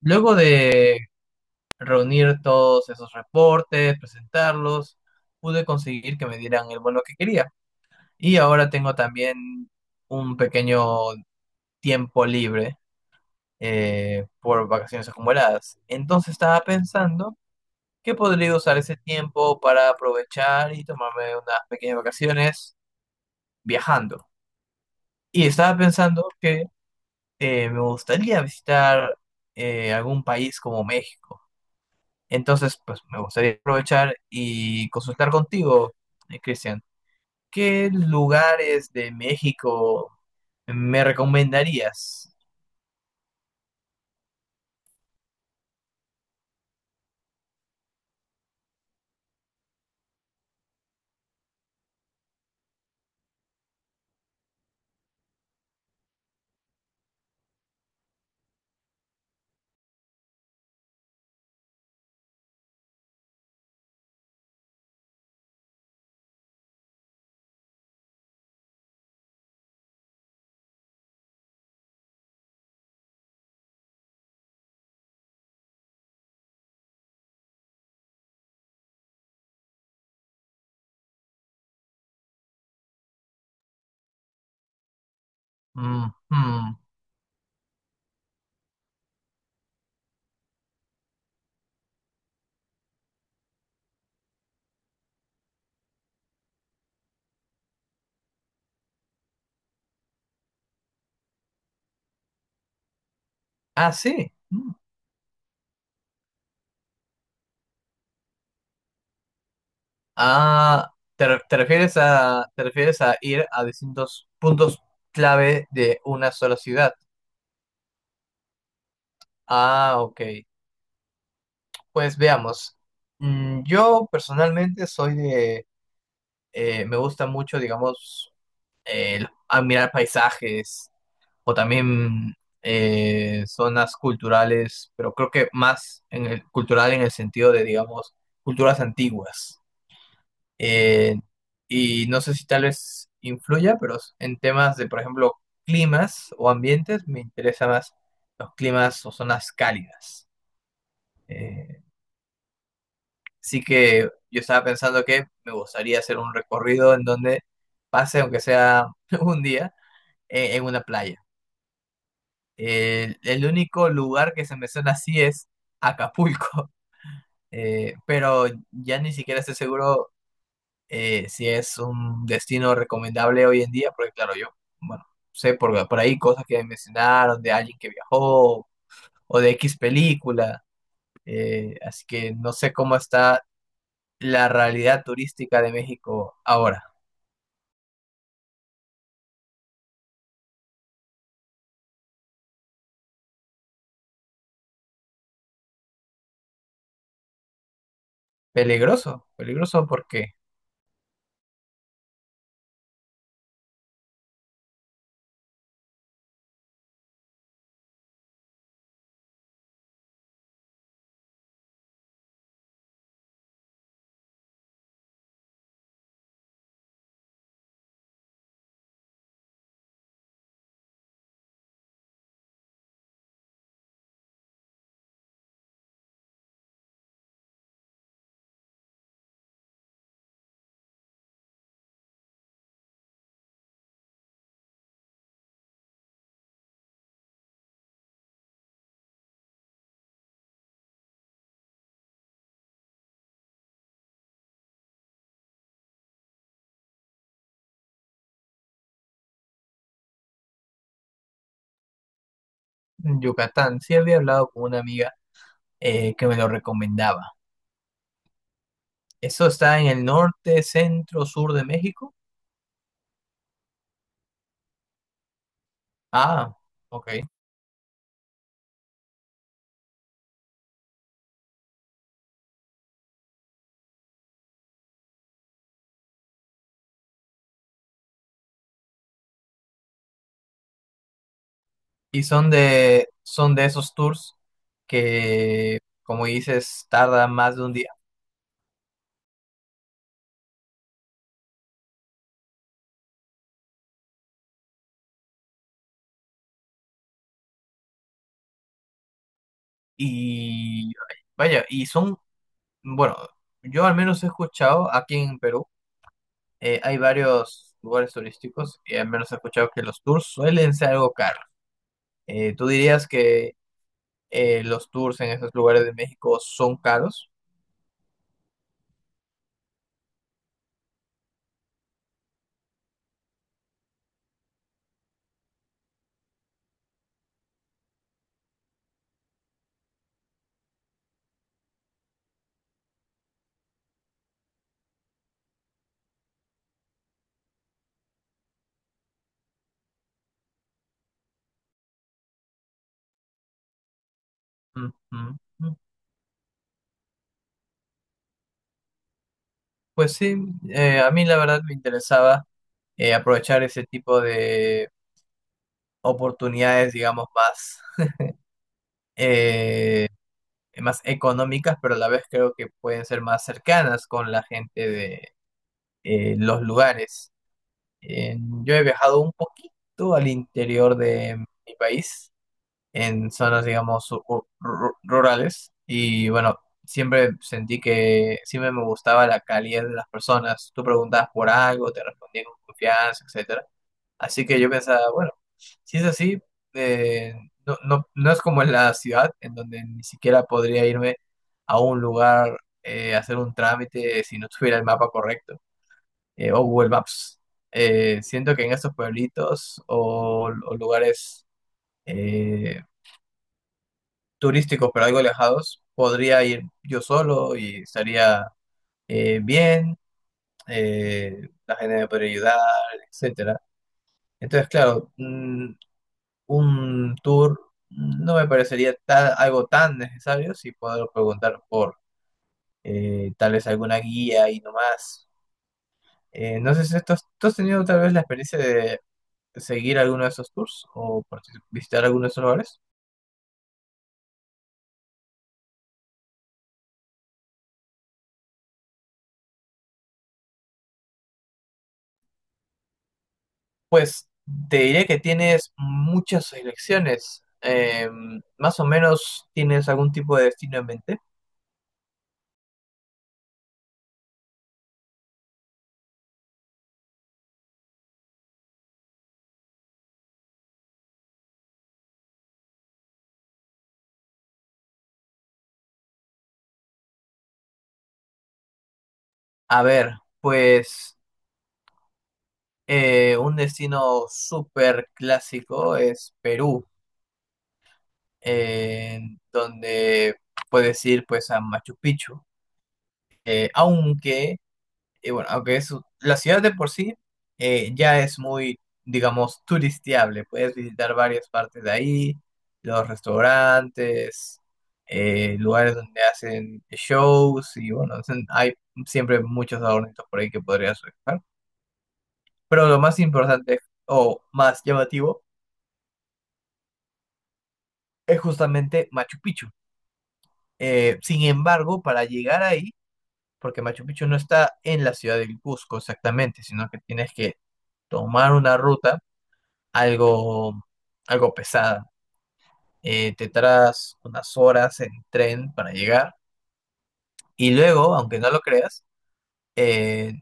Luego de reunir todos esos reportes, presentarlos, pude conseguir que me dieran el bono que quería. Y ahora tengo también un pequeño tiempo libre por vacaciones acumuladas. Entonces estaba pensando que podría usar ese tiempo para aprovechar y tomarme unas pequeñas vacaciones viajando. Y estaba pensando que me gustaría visitar algún país como México. Entonces, pues me gustaría aprovechar y consultar contigo, Cristian, ¿qué lugares de México me recomendarías? Mm, mm. Ah, sí. Mm. Ah, te refieres a ir a distintos puntos clave de una sola ciudad. Ah, ok. Pues veamos. Mm, yo personalmente soy de, me gusta mucho, digamos, admirar paisajes o también zonas culturales, pero creo que más en el, cultural en el sentido de, digamos, culturas antiguas. Eh, y no sé si tal vez influya, pero en temas de, por ejemplo, climas o ambientes, me interesa más los climas o zonas cálidas. Eh, así que yo estaba pensando que me gustaría hacer un recorrido en donde pase, aunque sea un día, en una playa. El único lugar que se me menciona así es Acapulco, pero ya ni siquiera estoy seguro si es un destino recomendable hoy en día, porque claro, yo, bueno, sé por ahí cosas que mencionaron de alguien que viajó o de X película, así que no sé cómo está la realidad turística de México ahora. Peligroso, peligroso porque en Yucatán, sí había hablado con una amiga que me lo recomendaba. Eso está en el norte, centro, sur de México. Ah, ok. Y son de esos tours que, como dices, tardan más de un día. Y vaya, y son, bueno, yo al menos he escuchado aquí en Perú, hay varios lugares turísticos y al menos he escuchado que los tours suelen ser algo caros. ¿Tú dirías que los tours en esos lugares de México son caros? Ujú. Pues sí, a mí la verdad me interesaba aprovechar ese tipo de oportunidades, digamos, más, eh, más económicas, pero a la vez creo que pueden ser más cercanas con la gente de los lugares. Eh, yo he viajado un poquito al interior de mi país en zonas, digamos, rurales. Y bueno, siempre sentí que siempre me gustaba la calidad de las personas. Tú preguntabas por algo, te respondían con confianza, etcétera. Así que yo pensaba, bueno, si es así, eh, no, no, no es como en la ciudad, en donde ni siquiera podría irme a un lugar, hacer un trámite si no tuviera el mapa correcto, o Google Maps. Siento que en estos pueblitos o lugares eh, turísticos pero algo alejados, podría ir yo solo y estaría bien, la gente me podría ayudar, etcétera. Entonces, claro, mm, un tour no me parecería algo tan necesario si puedo preguntar por tal vez alguna guía y no más. No sé si tú has tenido tal vez la experiencia de seguir alguno de esos tours o visitar alguno de esos lugares. Pues te diré que tienes muchas elecciones. Más o menos tienes algún tipo de destino en mente. A ver, pues un destino súper clásico es Perú, eh, donde puedes ir pues a Machu Picchu. Aunque Y bueno, aunque es, la ciudad de por sí ya es muy, digamos, turisteable. Puedes visitar varias partes de ahí, los restaurantes, lugares donde hacen shows y bueno, hay siempre muchos adornitos por ahí que podrías buscar. Pero lo más importante o más llamativo es justamente Machu Picchu. Sin embargo, para llegar ahí, porque Machu Picchu no está en la ciudad del Cusco exactamente, sino que tienes que tomar una ruta algo, algo pesada. Te tardas unas horas en tren para llegar y luego, aunque no lo creas, eh,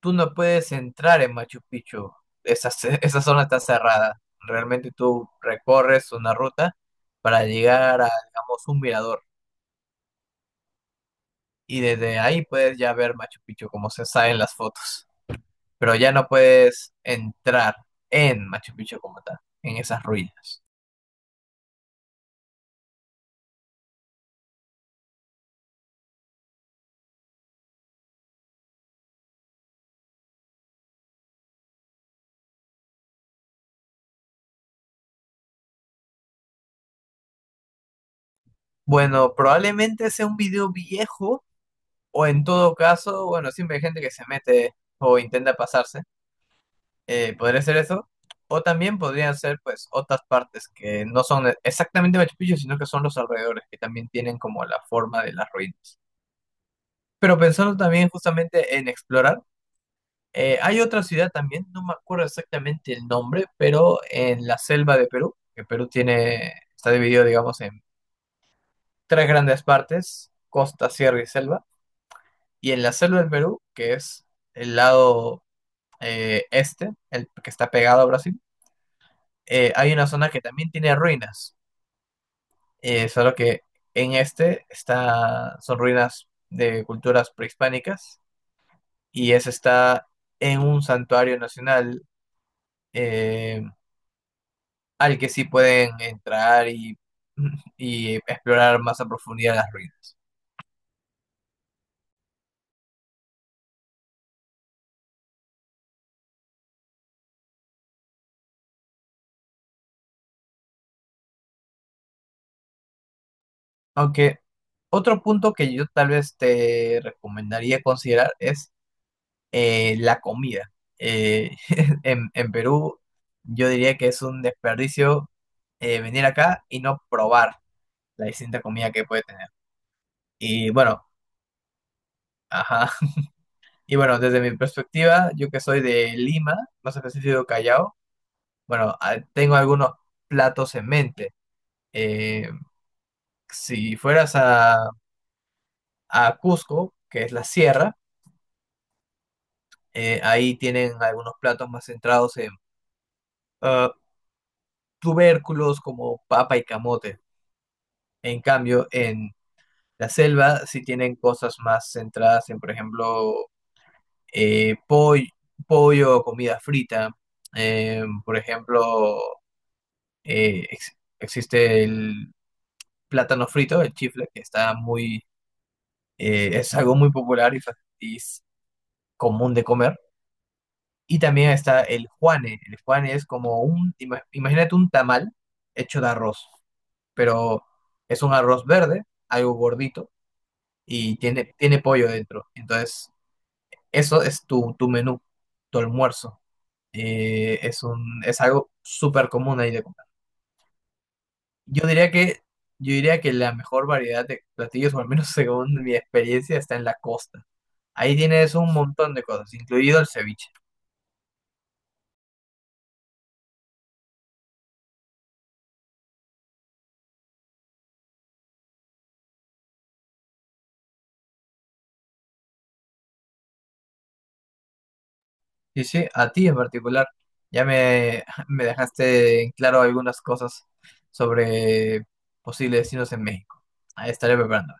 tú no puedes entrar en Machu Picchu. Esa, esa zona está cerrada. Realmente tú recorres una ruta para llegar a, digamos, un mirador y desde ahí puedes ya ver Machu Picchu como se sabe en las fotos, pero ya no puedes entrar en Machu Picchu como tal, en esas ruinas. Bueno, probablemente sea un video viejo. O en todo caso, bueno, siempre hay gente que se mete o intenta pasarse. Podría ser eso. O también podrían ser, pues, otras partes que no son exactamente Machu Picchu, sino que son los alrededores, que también tienen como la forma de las ruinas. Pero pensando también justamente en explorar, hay otra ciudad también, no me acuerdo exactamente el nombre, pero en la selva de Perú, que Perú tiene, está dividido, digamos, en tres grandes partes, costa, sierra y selva. Y en la selva del Perú, que es el lado este, el que está pegado a Brasil, hay una zona que también tiene ruinas, solo que en este está, son ruinas de culturas prehispánicas y ese está en un santuario nacional eh, al que sí pueden entrar y, y explorar más a profundidad las ruinas. Aunque otro punto que yo tal vez te recomendaría considerar es la comida. Eh, en Perú yo diría que es un desperdicio venir acá y no probar la distinta comida que puede tener. Y bueno, ajá. Y bueno, desde mi perspectiva, yo que soy de Lima, más específico Callao, bueno, tengo algunos platos en mente. Eh, si fueras a Cusco, que es la sierra, ahí tienen algunos platos más centrados en ah, tubérculos como papa y camote. En cambio, en la selva sí tienen cosas más centradas en, por ejemplo, eh, poll- pollo o comida frita. Por ejemplo, existe el plátano frito, el chifle, que está muy, es algo muy popular y, y es común de comer. Y también está el juane. El juane es como un, imagínate un tamal hecho de arroz, pero es un arroz verde, algo gordito y tiene, tiene pollo dentro. Entonces, eso es tu, tu menú, tu almuerzo. Es un, es algo súper común ahí de comprar. Yo diría que, yo diría que la mejor variedad de platillos, o al menos según mi experiencia, está en la costa. Ahí tienes un montón de cosas, incluido el ceviche. Sí, sí, a ti en particular. Ya me, me dejaste en claro algunas cosas sobre posibles destinos en México. Ahí estaré preparando.